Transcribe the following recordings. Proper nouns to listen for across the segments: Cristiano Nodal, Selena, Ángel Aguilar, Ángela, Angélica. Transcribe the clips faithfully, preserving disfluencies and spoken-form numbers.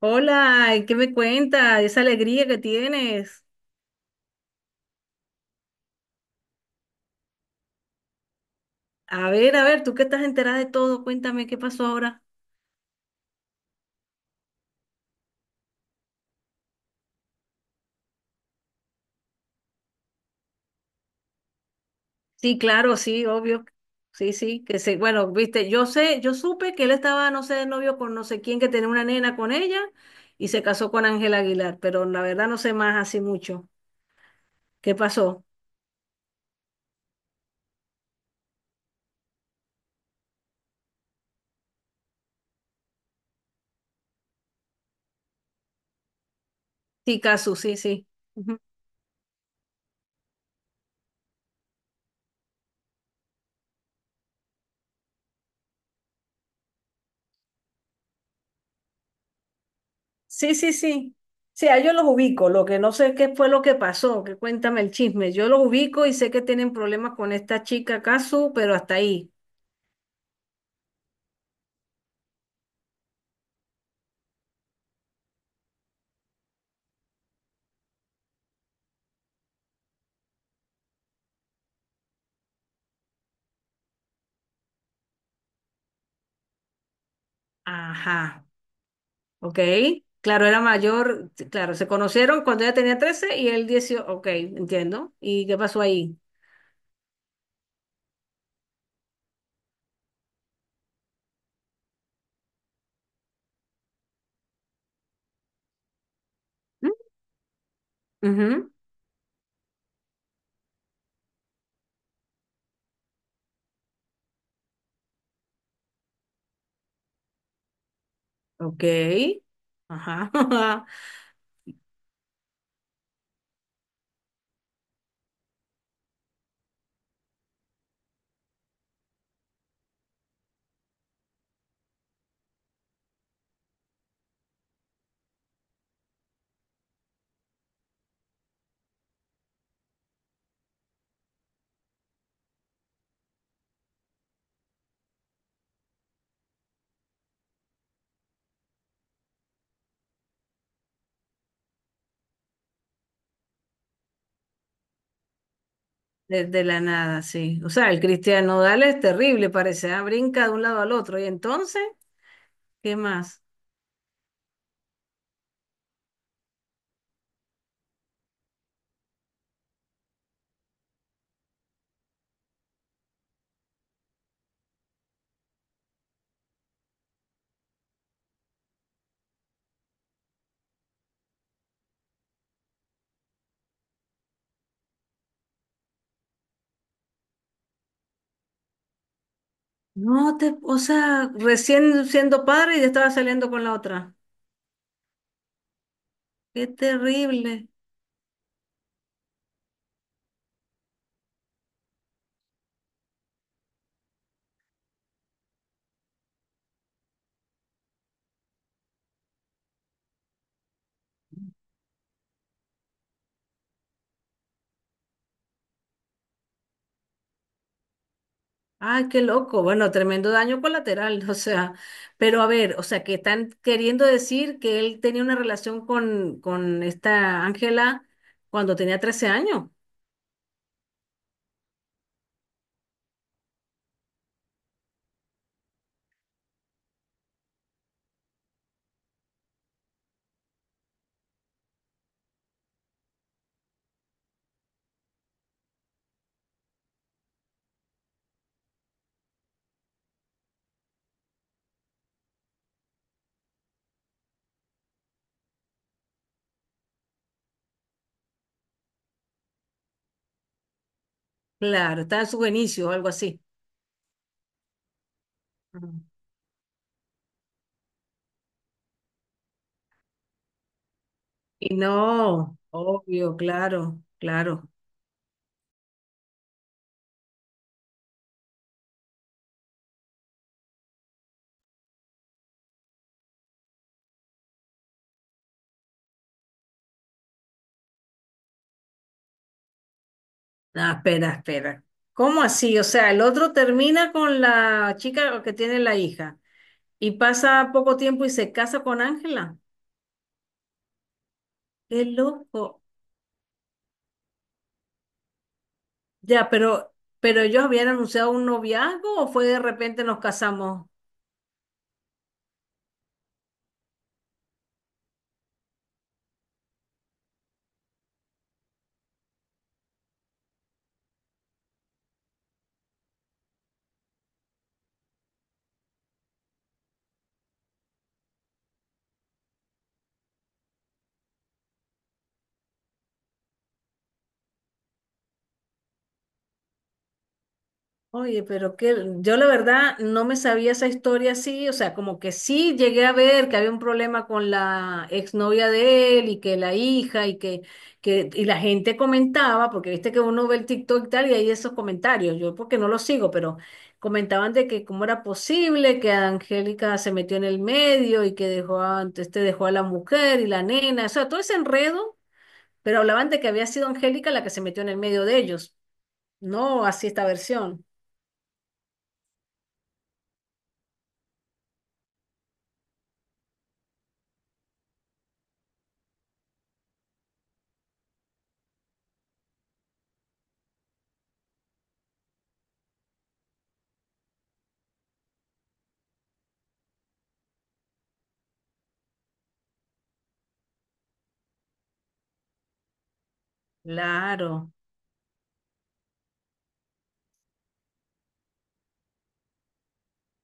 Hola, ¿y ¿qué me cuentas? Esa alegría que tienes. A ver, a ver, tú que estás enterada de todo, cuéntame qué pasó ahora. Sí, claro, sí, obvio. Sí, sí, que sí. Bueno, viste, yo sé, yo supe que él estaba, no sé, de novio con no sé quién, que tenía una nena con ella y se casó con Ángel Aguilar, pero la verdad no sé más así mucho. ¿Qué pasó? Sí, Casu, sí, sí. Sí, sí, sí. Sí, a ellos los ubico. Lo que no sé es qué fue lo que pasó, que cuéntame el chisme. Yo los ubico y sé que tienen problemas con esta chica Kazu, pero hasta ahí. Ajá, ok. Claro, era mayor, t- claro, se conocieron cuando ella tenía trece y él dieciocho, ok, entiendo. ¿Y qué pasó ahí? ¿Mm? Ujú. Ok. Ajá. Desde la nada, sí. O sea, el Cristiano Nodal es terrible, parece, ah, brinca de un lado al otro. ¿Y entonces? ¿Qué más? No te, o sea, recién siendo padre y ya estaba saliendo con la otra. Qué terrible. Ay, qué loco. Bueno, tremendo daño colateral, o sea, pero a ver, o sea, que están queriendo decir que él tenía una relación con, con esta Ángela cuando tenía trece años. Claro, estaba en sus inicios o algo así. Ujú. Y no, obvio, claro, claro. Ah, espera, espera. ¿Cómo así? O sea, el otro termina con la chica que tiene la hija. Y pasa poco tiempo y se casa con Ángela. Qué loco. Ya, pero, pero ellos habían anunciado un noviazgo o fue de repente nos casamos. Oye, pero que yo la verdad no me sabía esa historia así, o sea, como que sí llegué a ver que había un problema con la exnovia de él y que la hija y que, que y la gente comentaba, porque viste que uno ve el TikTok y tal y hay esos comentarios, yo porque no los sigo, pero comentaban de que cómo era posible que Angélica se metió en el medio y que dejó a, entonces te dejó a la mujer y la nena, o sea, todo ese enredo, pero hablaban de que había sido Angélica la que se metió en el medio de ellos, no así esta versión. Claro,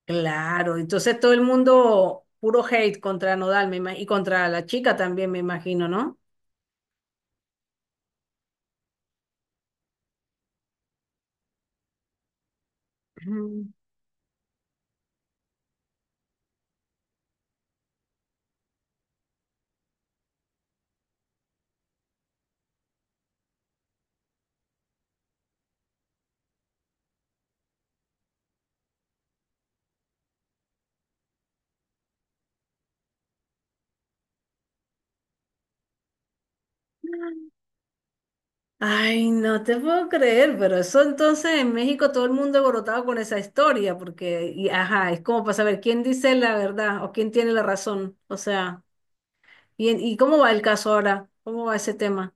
claro. Entonces todo el mundo puro hate contra Nodal me ima- y contra la chica también, me imagino, ¿no? Ujú. Ay, no te puedo creer, pero eso entonces en México todo el mundo alborotado con esa historia, porque, y, ajá, es como para saber quién dice la verdad o quién tiene la razón. O sea, ¿y, en- y cómo va el caso ahora? ¿Cómo va ese tema?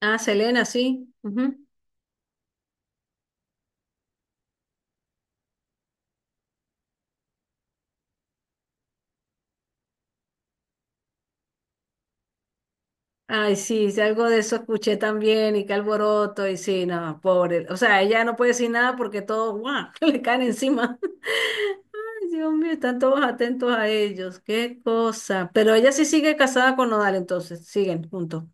Ah, Selena, sí. Ay, sí, sí, algo de eso escuché también y qué alboroto y sí, no, pobre. O sea, ella no puede decir nada porque todos, ¡guau!, le caen encima. Ay, Dios mío, están todos atentos a ellos, qué cosa. Pero ella sí sigue casada con Nodal, entonces, siguen juntos.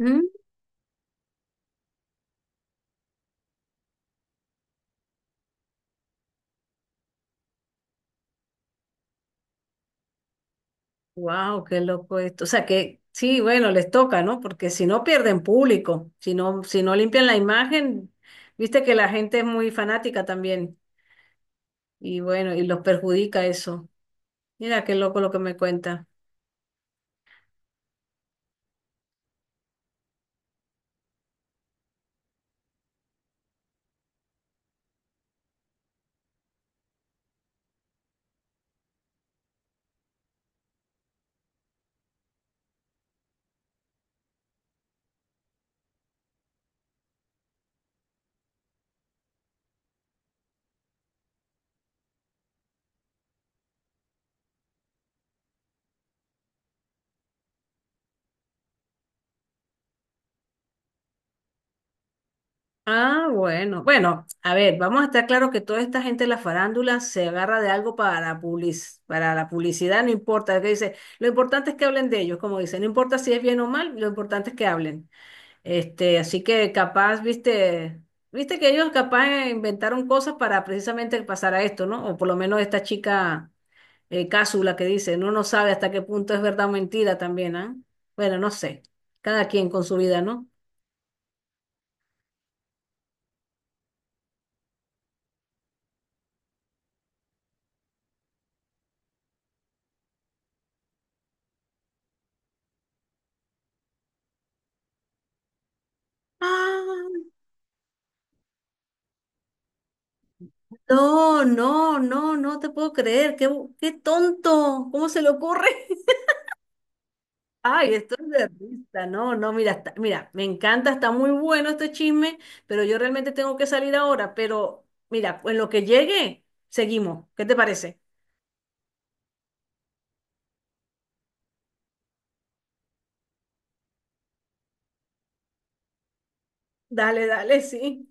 Mm. Wow, qué loco esto. O sea que sí, bueno, les toca, ¿no? Porque si no pierden público, si no, si no limpian la imagen, viste que la gente es muy fanática también. Y bueno, y los perjudica eso. Mira qué loco lo que me cuenta. Ah, bueno, bueno, a ver, vamos a estar claro que toda esta gente de la farándula se agarra de algo para, public- para la publicidad, no importa, que dice, lo importante es que hablen de ellos, como dicen, no importa si es bien o mal, lo importante es que hablen. Este, así que capaz, viste, viste que ellos capaz eh, inventaron cosas para precisamente pasar a esto, ¿no? O por lo menos esta chica eh, Cásula que dice, no no sabe hasta qué punto es verdad o mentira también, ¿ah? Bueno, no sé, cada quien con su vida, ¿no? Ah. No, no, no, no te puedo creer. Qué, bu- qué tonto. ¿Cómo se le ocurre? Ay, esto es de risa. No, no, mira, está- mira, me encanta, está muy bueno este chisme, pero yo realmente tengo que salir ahora. Pero mira, en lo que llegue, seguimos. ¿Qué te parece? Dale, dale, sí.